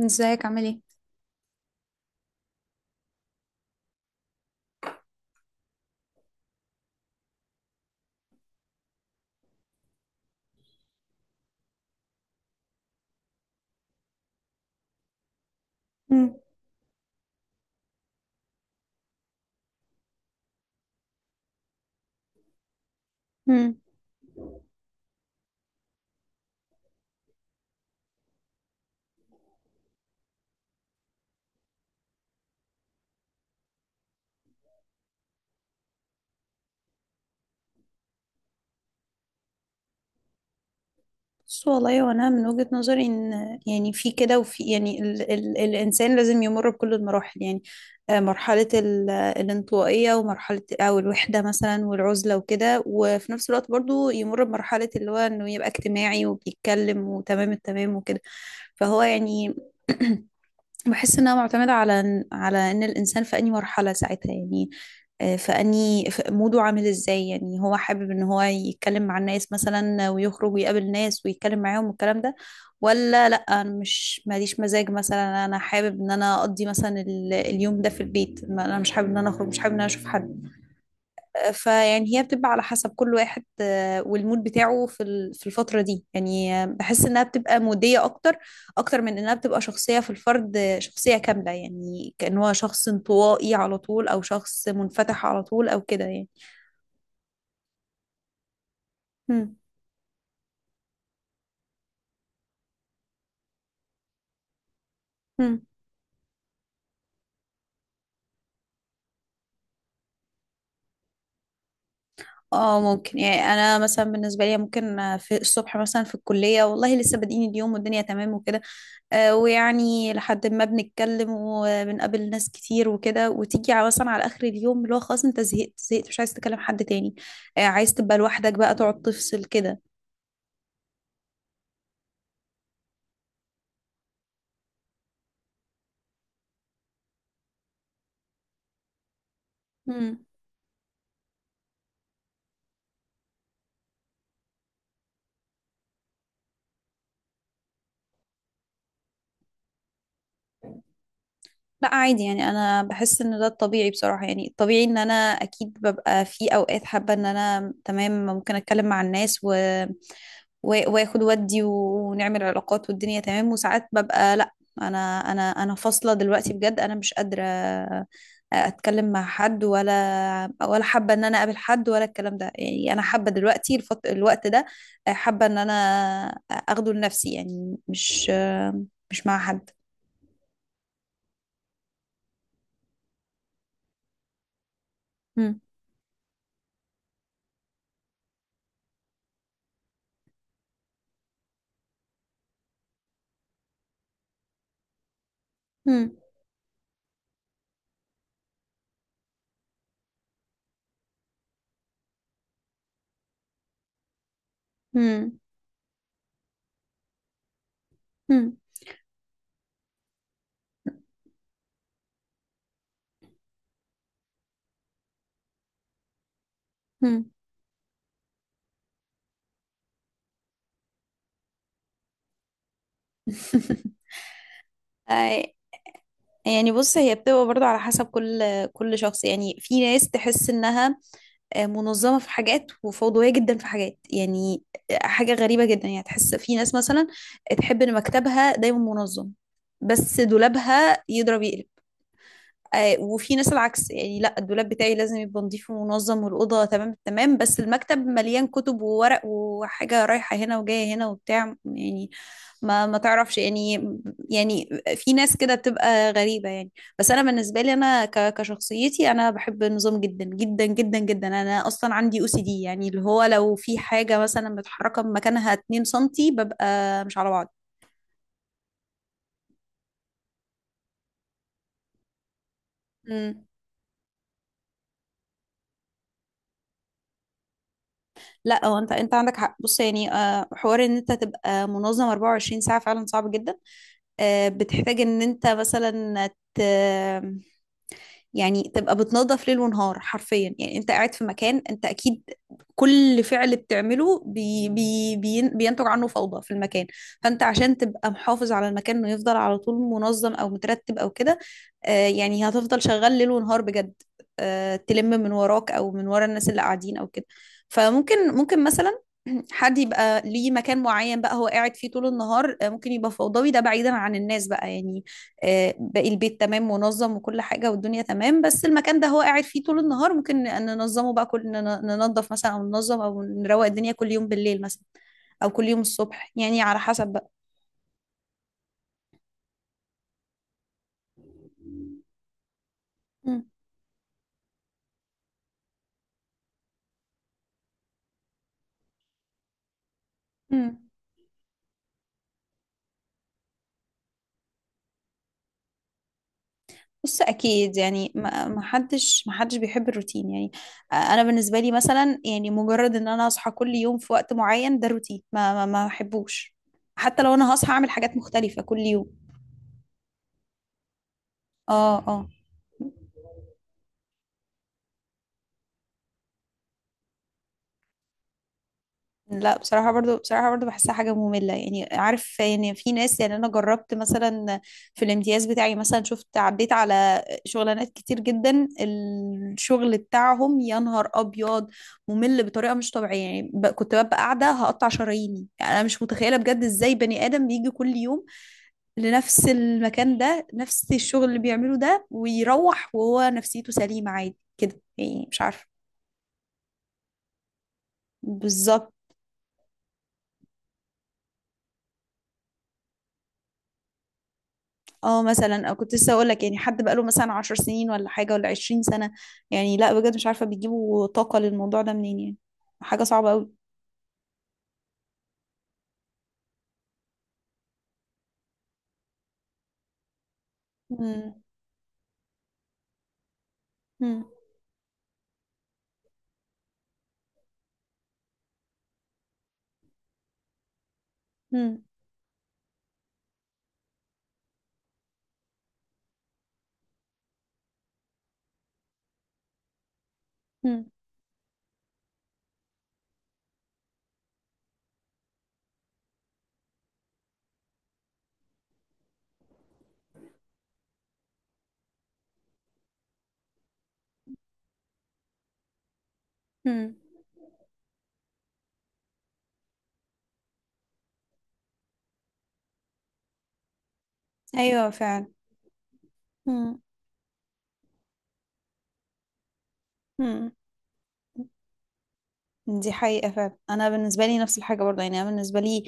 ازيك عامل ايه؟ مم. مم. بص والله، وانا من وجهة نظري ان يعني في كده، وفي يعني ال الانسان لازم يمر بكل المراحل يعني. مرحلة ال الانطوائية، ومرحلة او الوحدة مثلا والعزلة وكده، وفي نفس الوقت برضو يمر بمرحلة اللي هو انه يبقى اجتماعي وبيتكلم وتمام التمام وكده. فهو يعني بحس انها معتمده على ان الانسان في انهي مرحله ساعتها يعني. في انهي، في موده عامل ازاي، يعني هو حابب ان هو يتكلم مع الناس مثلا ويخرج ويقابل ناس ويتكلم معاهم والكلام ده، ولا لا انا مش ماليش مزاج، مثلا انا حابب ان انا اقضي مثلا اليوم ده في البيت، انا مش حابب ان انا اخرج، مش حابب ان انا اشوف حد. فيعني هي بتبقى على حسب كل واحد، والمود بتاعه في في الفترة دي يعني. بحس انها بتبقى مودية اكتر، اكتر من انها بتبقى شخصية في الفرد، شخصية كاملة يعني، كأن هو شخص انطوائي على طول او شخص منفتح على طول او كده يعني. هم. هم. اه ممكن، يعني انا مثلا بالنسبه لي ممكن في الصبح مثلا في الكليه، والله لسه بادئين اليوم والدنيا تمام وكده، ويعني لحد ما بنتكلم وبنقابل ناس كتير وكده، وتيجي مثلا على اخر اليوم اللي هو خلاص انت زهقت، مش عايز تكلم حد تاني. عايز تبقى لوحدك بقى، تقعد تفصل كده. مم. لا عادي، يعني انا بحس ان ده الطبيعي بصراحة. يعني الطبيعي ان انا اكيد ببقى في اوقات حابة ان انا تمام، ممكن اتكلم مع الناس و واخد ودي، ونعمل علاقات والدنيا تمام، وساعات ببقى لا. انا انا انا فاصله دلوقتي بجد، انا مش قادره اتكلم مع حد، ولا حابه ان انا اقابل حد، ولا الكلام ده. يعني انا حابه دلوقتي الوقت ده، حابه ان انا اخده لنفسي، يعني مش مع حد. مم. مم. مم. مم. مم. يعني بص، هي بتبقى برضو على حسب كل شخص يعني. في ناس تحس انها منظمة في حاجات وفوضوية جدا في حاجات يعني. حاجة غريبة جدا يعني. تحس في ناس مثلا تحب ان مكتبها دايما منظم، بس دولابها يضرب يقلب. وفي ناس العكس يعني، لا الدولاب بتاعي لازم يبقى نظيف ومنظم والأوضة تمام تمام، بس المكتب مليان كتب وورق وحاجة رايحة هنا وجاية هنا وبتاع يعني. ما تعرفش يعني. يعني في ناس كده بتبقى غريبة يعني. بس أنا بالنسبة لي أنا كشخصيتي أنا بحب النظام جدا جدا جدا جدا، أنا أصلا عندي أو سي دي، يعني اللي هو لو في حاجة مثلا متحركة من مكانها 2 سنتي ببقى مش على بعض. لا هو انت عندك حق. بص يعني، حوار ان انت تبقى منظم 24 ساعة فعلا صعب جدا. بتحتاج ان انت مثلا ت... يعني تبقى بتنظف ليل ونهار حرفيا. يعني انت قاعد في مكان انت اكيد كل فعل بتعمله بي بي بي بينتج عنه فوضى في المكان، فانت عشان تبقى محافظ على المكان انه يفضل على طول منظم او مترتب او كده، يعني هتفضل شغال ليل ونهار بجد، تلم من وراك او من ورا الناس اللي قاعدين او كده. فممكن مثلا حد يبقى ليه مكان معين بقى هو قاعد فيه طول النهار، ممكن يبقى فوضوي، ده بعيدا عن الناس بقى يعني. باقي البيت تمام منظم وكل حاجة والدنيا تمام، بس المكان ده هو قاعد فيه طول النهار ممكن ننظمه بقى، ننظف مثلا أو ننظم أو نروق الدنيا كل يوم بالليل مثلا، أو كل يوم الصبح يعني على حسب بقى. مم. مم. بص أكيد، يعني ما حدش، ما حدش بيحب الروتين يعني. أنا بالنسبة لي مثلا يعني مجرد إن أنا أصحى كل يوم في وقت معين ده روتين، ما بحبوش، حتى لو أنا هصحى أعمل حاجات مختلفة كل يوم. اه اه. لا بصراحة، برضو بحسها حاجة مملة. يعني عارف، يعني في ناس، يعني أنا جربت مثلا في الامتياز بتاعي مثلا، شفت عديت على شغلانات كتير جدا الشغل بتاعهم يا نهار أبيض. ممل بطريقة مش طبيعية يعني، كنت ببقى قاعدة هقطع شراييني. يعني أنا مش متخيلة بجد إزاي بني آدم بيجي كل يوم لنفس المكان ده، نفس الشغل اللي بيعمله ده ويروح وهو نفسيته سليمة عادي كده، يعني مش عارفة. بالظبط، اه مثلا، او كنت لسه اقول لك يعني حد بقاله مثلا 10 سنين ولا حاجه، ولا 20 سنه. يعني لا بجد مش عارفه بيجيبوا طاقه للموضوع ده منين يعني. حاجه صعبه قوي. مم. مم. مم. مم. مم. ايوه فعلا. مم. مم. دي حقيقه فعلا. انا بالنسبه لي نفس الحاجه برضه، يعني انا بالنسبه لي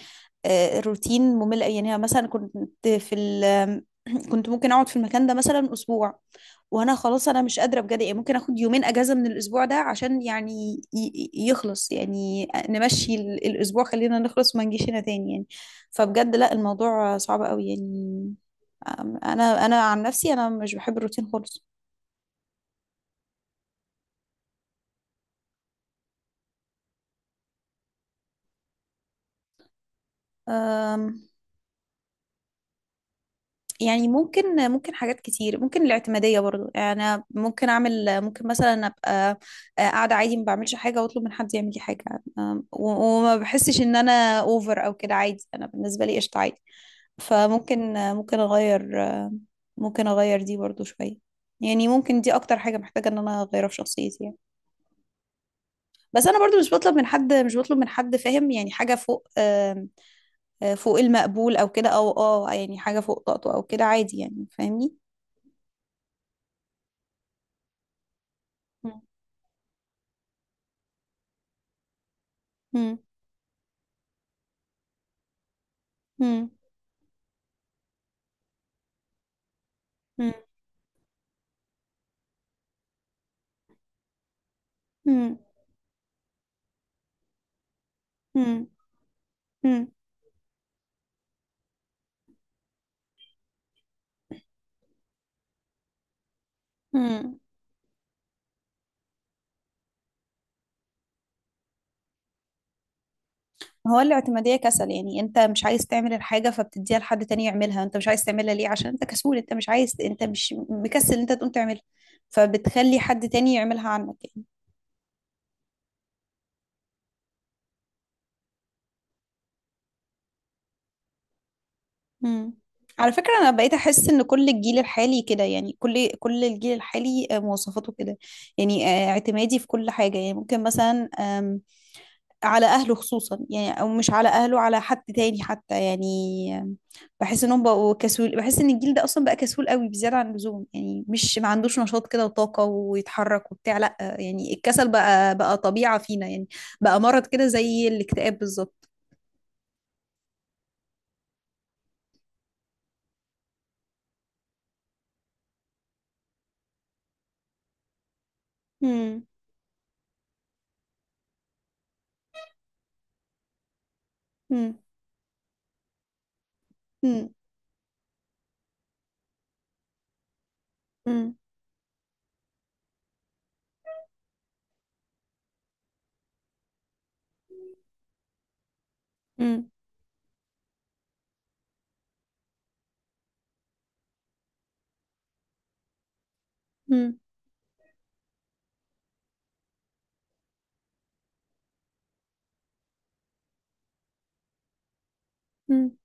الروتين ممل أوي. يعني أنا مثلا كنت في ال كنت ممكن اقعد في المكان ده مثلا اسبوع، وانا خلاص انا مش قادره بجد. يعني ممكن اخد 2 يوم اجازه من الاسبوع ده، عشان يعني يخلص، يعني نمشي الاسبوع خلينا نخلص، ما نجيش هنا تاني يعني. فبجد لا الموضوع صعب قوي يعني. أم- انا، انا عن نفسي، انا مش بحب الروتين خالص. أم، يعني ممكن حاجات كتير، ممكن الاعتمادية برضو. يعني أنا ممكن أعمل، ممكن مثلا أبقى قاعدة عادي ما بعملش حاجة، وأطلب من حد يعمل لي حاجة. أم، و- وما بحسش إن أنا أوفر أو كده، عادي أنا بالنسبة لي قشطة عادي. فممكن اغير، ممكن اغير دي برضو شوية. يعني ممكن دي اكتر حاجة محتاجة ان انا اغيرها في شخصيتي يعني. بس انا برضو مش بطلب من حد، فاهم يعني، حاجة فوق، آم، آه، فوق المقبول او كده، او اه يعني حاجة فوق طاقته او كده، عادي يعني فاهمني. مم. مم. مم. مم. مم. مم. مم. هو الاعتمادية كسل. يعني انت مش عايز تعمل الحاجة فبتديها لحد تاني يعملها. انت مش عايز تعملها ليه؟ عشان انت كسول، انت مش عايز، انت مش مكسل انت تقوم تعملها، فبتخلي حد تاني يعملها عنك يعني. مم. على فكرة انا بقيت احس ان كل الجيل الحالي كده، يعني كل الجيل الحالي، مواصفاته كده. يعني اعتمادي في كل حاجة. يعني ممكن مثلا على اهله خصوصا، يعني او مش على اهله، على حد تاني حتى يعني. بحس انهم بقوا كسول، بحس ان الجيل ده اصلا بقى كسول قوي بزياده عن اللزوم. يعني مش ما عندوش نشاط كده وطاقه ويتحرك وبتاع، لا يعني الكسل بقى، طبيعه فينا يعني. بقى مرض كده زي الاكتئاب بالظبط. مم. مم. مم. مم. مم. مم.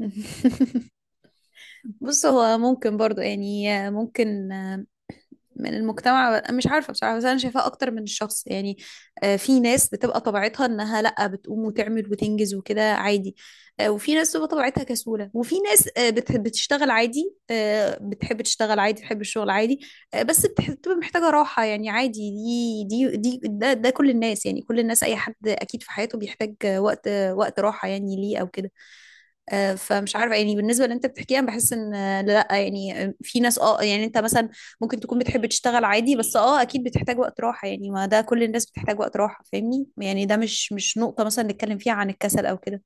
مم. بص هو ممكن برضو، يعني ممكن من المجتمع مش عارفة بصراحة، بس أنا شايفاه أكتر من الشخص يعني. في ناس بتبقى طبيعتها إنها لأ بتقوم وتعمل وتنجز وكده عادي، وفي ناس بتبقى طبيعتها كسولة، وفي ناس بتحب تشتغل عادي بتحب الشغل عادي. بس بتبقى محتاجة راحة يعني، عادي. دي دي دي ده، ده كل الناس يعني، كل الناس أي حد أكيد في حياته بيحتاج وقت، وقت راحة يعني ليه أو كده. فمش عارفه يعني بالنسبه اللي انت بتحكيها بحس ان آه، لا آه، يعني آه، في ناس اه. يعني انت مثلا ممكن تكون بتحب تشتغل عادي، بس اه اكيد بتحتاج وقت راحه يعني. ما ده كل الناس بتحتاج وقت راحه فاهمني، يعني ده مش، مش نقطه مثلا نتكلم فيها عن الكسل او كده.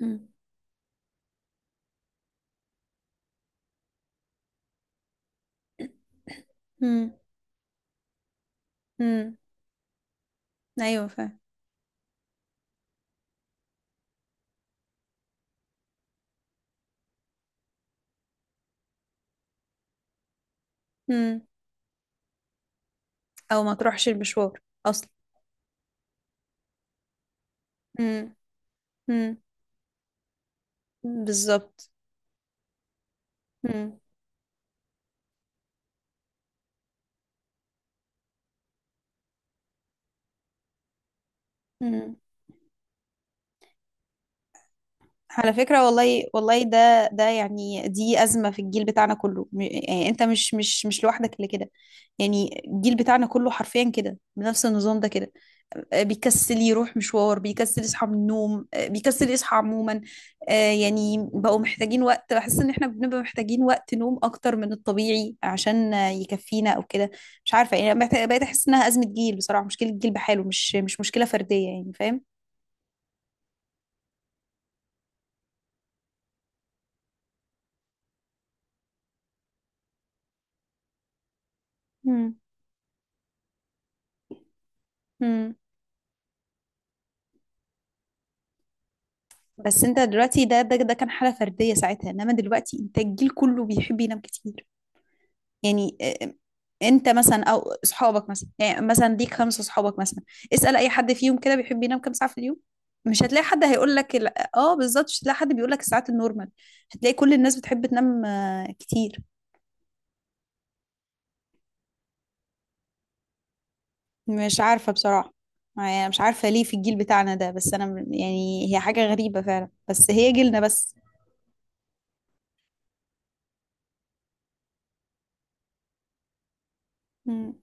مم. مم. مم. ايوه فاهم. مم. او ما تروحش المشوار اصلا. مم. مم. بالظبط. مم. مم. على فكرة والله، والله ده ده يعني دي أزمة في الجيل بتاعنا كله. يعني أنت مش، لوحدك اللي كده. يعني الجيل بتاعنا كله حرفيا كده بنفس النظام ده كده. بيكسل يروح مشوار، بيكسل يصحى من النوم، بيكسل يصحى عموما. يعني بقوا محتاجين وقت، بحس إن احنا بنبقى محتاجين وقت نوم أكتر من الطبيعي، عشان يكفينا أو كده. مش عارفة يعني، أنا بقيت أحس إنها أزمة جيل بصراحة، مشكلة جيل بحاله، مش، مش مشكلة فردية يعني، فاهم؟ مم. بس انت دلوقتي ده، كان حالة فردية ساعتها، انما دلوقتي انت الجيل كله بيحب ينام كتير. يعني انت مثلا او اصحابك مثلا، يعني مثلا ليك 5 اصحابك مثلا، اسأل اي حد فيهم كده بيحب ينام كام ساعة في اليوم. مش هتلاقي حد هيقول لك لا- اه بالظبط، مش هتلاقي حد بيقول لك الساعات النورمال. هتلاقي كل الناس بتحب تنام كتير. مش عارفة بصراحة. يعني مش عارفة ليه في الجيل بتاعنا ده، بس انا يعني هي حاجة غريبة فعلا، بس هي جيلنا بس. مم.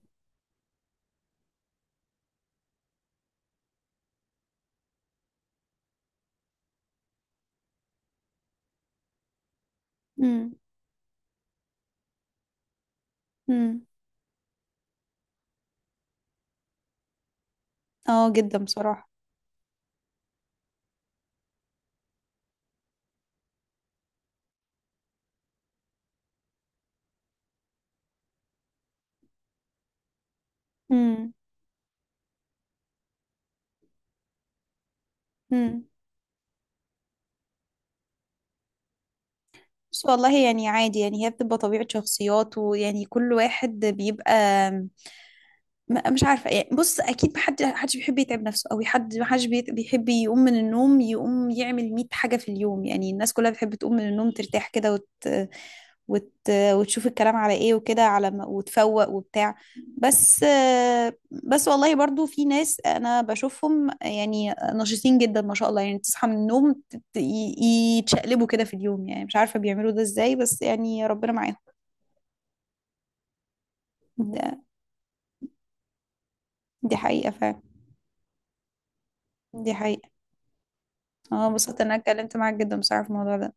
مم. مم. اه جدا بصراحة. مم. بس والله يعني عادي، يعني هي بتبقى طبيعة شخصيات، ويعني كل واحد بيبقى، مش عارفة يعني. بص أكيد محدش بيحب يتعب نفسه، أو حد محدش بيحب يقوم من النوم يقوم يعمل 100 حاجة في اليوم. يعني الناس كلها بتحب تقوم من النوم ترتاح كده، وتشوف الكلام على ايه وكده على ما... وتفوق وبتاع. بس بس والله برضو في ناس انا بشوفهم يعني نشيطين جدا ما شاء الله. يعني تصحى من النوم يتشقلبوا كده في اليوم، يعني مش عارفة بيعملوا ده ازاي، بس يعني ربنا معاهم. ده- دي حقيقة فعلا. دي حقيقة. اه، انبسطت ان انا اتكلمت معاك جدا بصراحة في الموضوع ده.